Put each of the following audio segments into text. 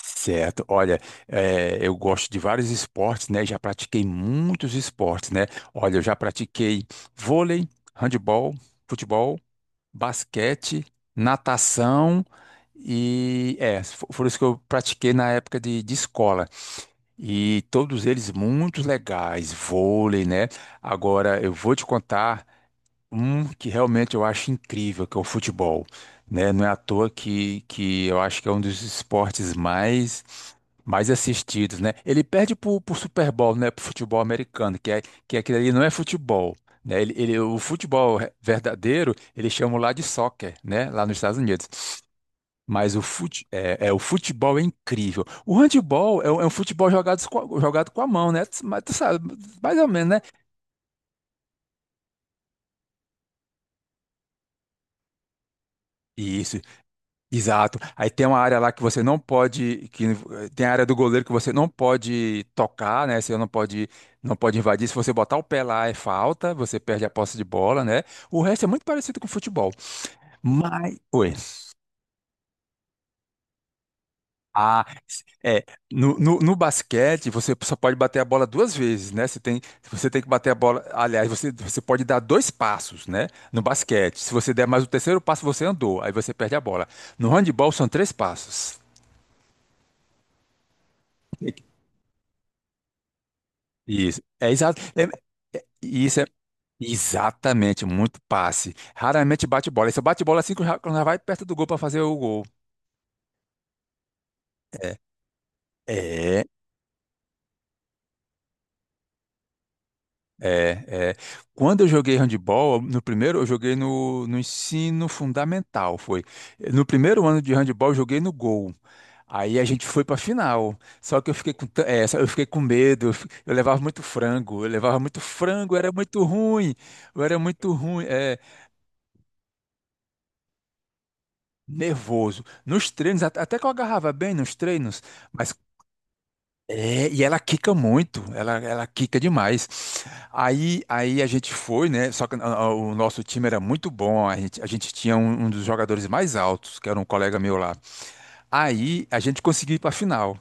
Certo, olha, eu gosto de vários esportes, né? Já pratiquei muitos esportes, né? Olha, eu já pratiquei vôlei, handebol, futebol, basquete, natação e foram os que eu pratiquei na época de escola. E todos eles muito legais, vôlei, né? Agora eu vou te contar. Um que realmente eu acho incrível, que é o futebol, né? Não é à toa que eu acho que é um dos esportes mais assistidos, né? Ele perde pro Super Bowl, né? Pro futebol americano, que é que aquilo ali não é futebol, né? O futebol verdadeiro, eles chamam lá de soccer, né? Lá nos Estados Unidos. Mas o futebol é incrível. O handball é um futebol jogado, jogado com a mão, né? Mas tu sabe, mais ou menos, né? Isso. Exato. Aí tem uma área lá que você não pode, tem a área do goleiro que você não pode tocar, né? Você não pode invadir. Se você botar o pé lá é falta, você perde a posse de bola, né? O resto é muito parecido com o futebol. Mas, oi. Ah, é, no basquete você só pode bater a bola duas vezes, né? Você tem que bater a bola, aliás, você pode dar dois passos, né? No basquete. Se você der mais o terceiro passo, você andou, aí você perde a bola. No handebol são três passos. Isso, é exato. Isso é exatamente muito passe. Raramente bate bola. Esse bate bola assim que já, quando já vai perto do gol para fazer o gol. É, é, é. Quando eu joguei handebol, no primeiro eu joguei no ensino fundamental, foi. No primeiro ano de handebol eu joguei no gol. Aí a gente foi pra final. Só que eu fiquei com, tan- é, só- eu fiquei com medo. Eu levava muito frango. Eu levava muito frango, eu era muito ruim. Eu era muito ruim. É. Nervoso. Nos treinos, até que eu agarrava bem nos treinos, mas e ela quica muito, ela quica demais. Aí a gente foi, né? Só que o nosso time era muito bom, a gente tinha um dos jogadores mais altos, que era um colega meu lá. Aí a gente conseguiu ir para a final.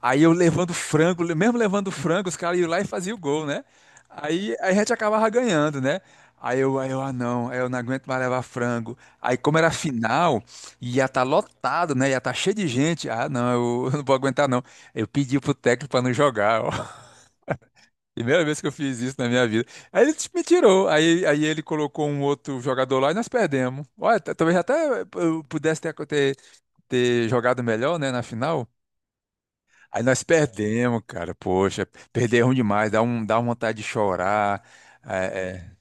Aí eu levando frango, mesmo levando frango, os caras iam lá e faziam o gol, né? Aí a gente acabava ganhando, né? Ah não, aí eu não aguento mais levar frango. Aí como era final, ia estar lotado, né? Ia estar cheio de gente. Ah não, eu não vou aguentar não. Eu pedi pro técnico pra não jogar, ó. Primeira vez que eu fiz isso na minha vida. Aí ele me tirou. Aí ele colocou um outro jogador lá e nós perdemos. Olha, talvez até eu pudesse ter jogado melhor, né, na final. Aí nós perdemos, cara. Poxa, perder é demais, dá uma vontade de chorar. É,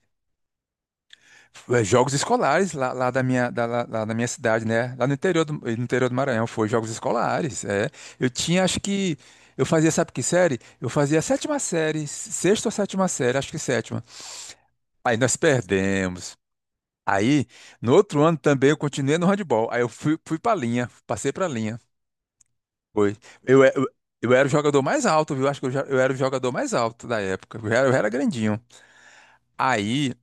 é. É, jogos escolares lá na minha cidade, né? Lá no interior do Maranhão, foi jogos escolares. É. Eu tinha, acho que. Eu fazia, sabe que série? Eu fazia a sétima série, sexta ou sétima série, acho que sétima. Aí nós perdemos. Aí, no outro ano também eu continuei no handball. Aí eu fui pra linha, passei pra linha. Foi. Eu, eu, eu era o jogador mais alto, viu? Acho que eu era o jogador mais alto da época. Eu era grandinho. Aí,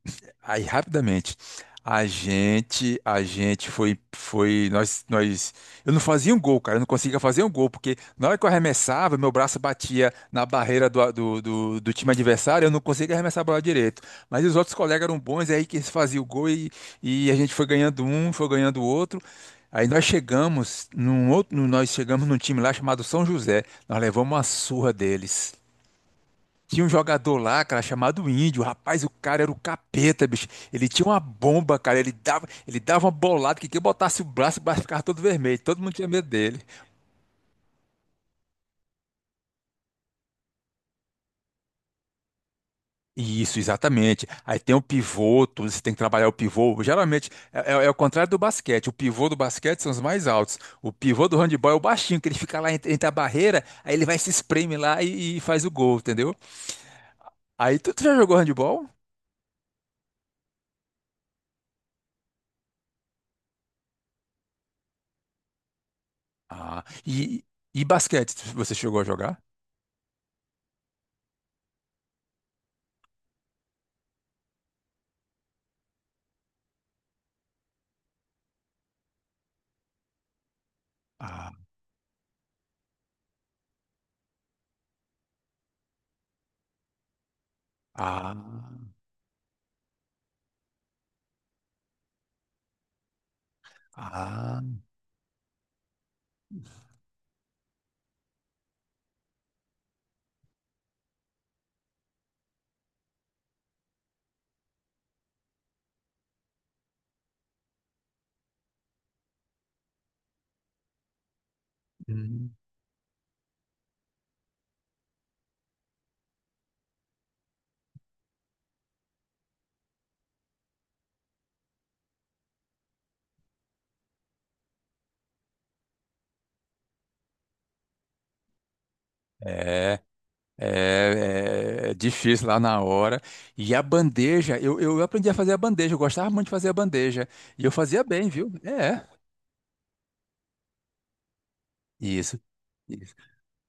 aí rapidamente, a gente foi, foi, eu não fazia um gol, cara, eu não conseguia fazer um gol, porque na hora que eu arremessava, meu braço batia na barreira do time adversário, eu não conseguia arremessar a bola direito. Mas os outros colegas eram bons, aí que eles faziam o gol e a gente foi ganhando o outro. Aí nós chegamos num time lá chamado São José, nós levamos uma surra deles. Tinha um jogador lá, cara, chamado Índio. Rapaz, o cara era o capeta, bicho. Ele tinha uma bomba, cara. Ele dava uma bolada que quem botasse o braço ficava todo vermelho. Todo mundo tinha medo dele. Isso, exatamente. Aí tem o pivô, você tem que trabalhar o pivô. Geralmente é o contrário do basquete. O pivô do basquete são os mais altos. O pivô do handebol é o baixinho, que ele fica lá entre a barreira, aí ele vai se espreme lá e faz o gol, entendeu? Aí tu já jogou handebol? Ah, e basquete, você chegou a jogar? Ah, ah. Ah, hum. É, é, é difícil lá na hora. E a bandeja, eu aprendi a fazer a bandeja, eu gostava muito de fazer a bandeja. E eu fazia bem, viu? É, isso.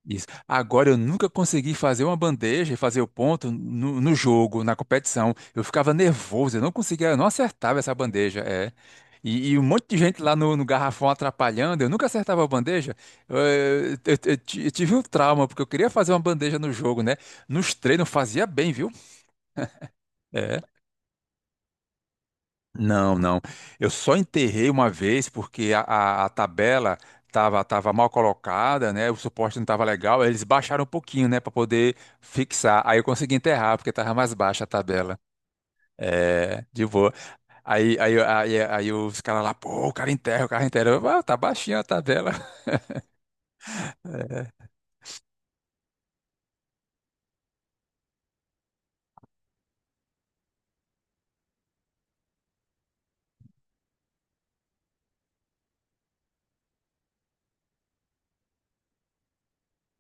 Isso. Agora, eu nunca consegui fazer uma bandeja e fazer o ponto no jogo, na competição. Eu ficava nervoso, eu não conseguia, eu não acertava essa bandeja. É. E um monte de gente lá no garrafão atrapalhando, eu nunca acertava a bandeja. Eu tive um trauma, porque eu queria fazer uma bandeja no jogo, né? Nos treinos eu fazia bem, viu? É. Não, não. Eu só enterrei uma vez porque a tabela estava tava tava mal colocada, né? O suporte não estava legal. Aí eles baixaram um pouquinho, né, para poder fixar. Aí eu consegui enterrar porque estava mais baixa a tabela. É, de boa. Aí os caras lá, pô, o cara enterra, o cara enterra. Eu, ah, tá baixinha a tabela. É,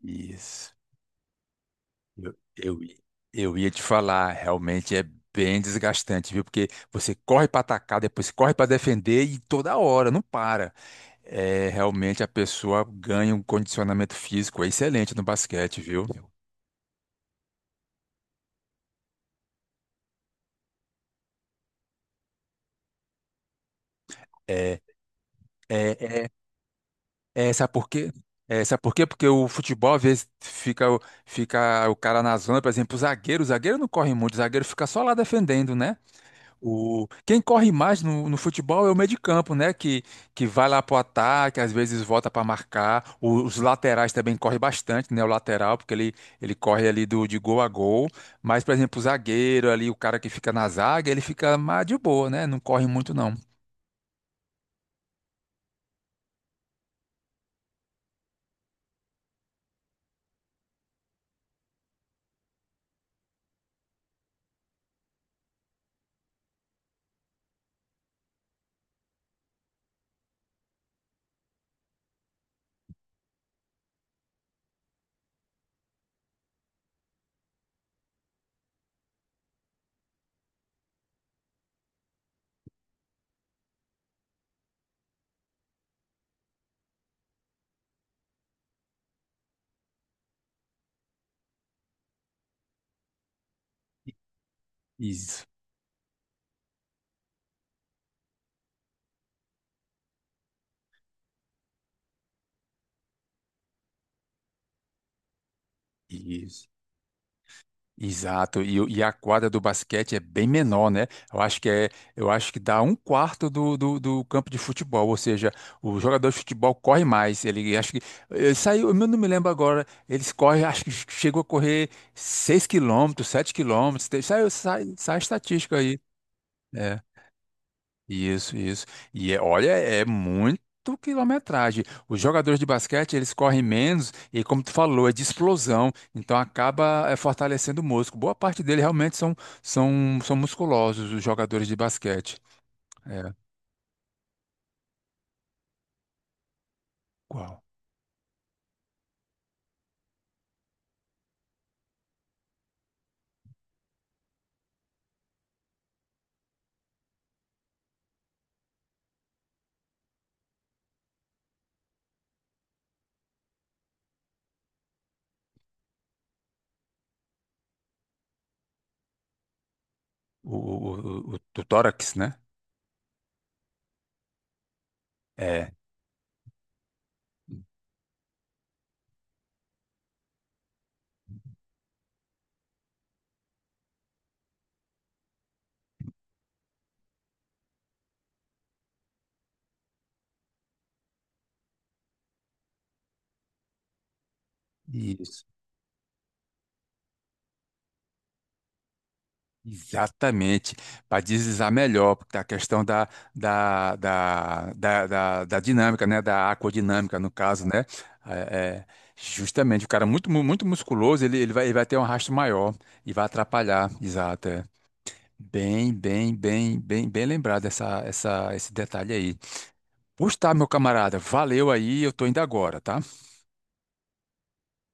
isso. Eu, eu, eu ia te falar, realmente é bem desgastante, viu? Porque você corre para atacar, depois corre para defender e toda hora, não para. É, realmente a pessoa ganha um condicionamento físico excelente no basquete, viu? É, é, é, é, sabe por quê? É, sabe por quê? Porque o futebol, às vezes, fica o cara na zona, por exemplo, o zagueiro não corre muito, o zagueiro fica só lá defendendo, né? Quem corre mais no futebol é o meio de campo, né? Que vai lá pro ataque, às vezes volta para marcar. Os laterais também correm bastante, né? O lateral, porque ele corre ali de gol a gol. Mas, por exemplo, o zagueiro ali, o cara que fica na zaga, ele fica mais de boa, né? Não corre muito, não. Isso, isso. Exato, e a quadra do basquete é bem menor, né? Eu acho que dá um quarto do campo de futebol, ou seja, o jogador de futebol corre mais. Ele acho que ele saiu, eu não me lembro agora, eles correm, acho que chegou a correr 6 quilômetros, 7 quilômetros, sai a estatística aí. É. Isso, isso. E olha, é muito quilometragem. Os jogadores de basquete, eles correm menos e, como tu falou, é de explosão, então acaba fortalecendo o músculo. Boa parte dele realmente são musculosos, os jogadores de basquete. É, qual? O, o, o tórax, né? É. Isso. Exatamente, para deslizar melhor, porque a questão da dinâmica, né? Da aquodinâmica, no caso, né? É, é, justamente, o cara muito musculoso, ele vai ter um arrasto maior e vai atrapalhar. Exato, é. Bem lembrado esse detalhe aí. Pois tá, meu camarada, valeu aí, eu tô indo agora, tá?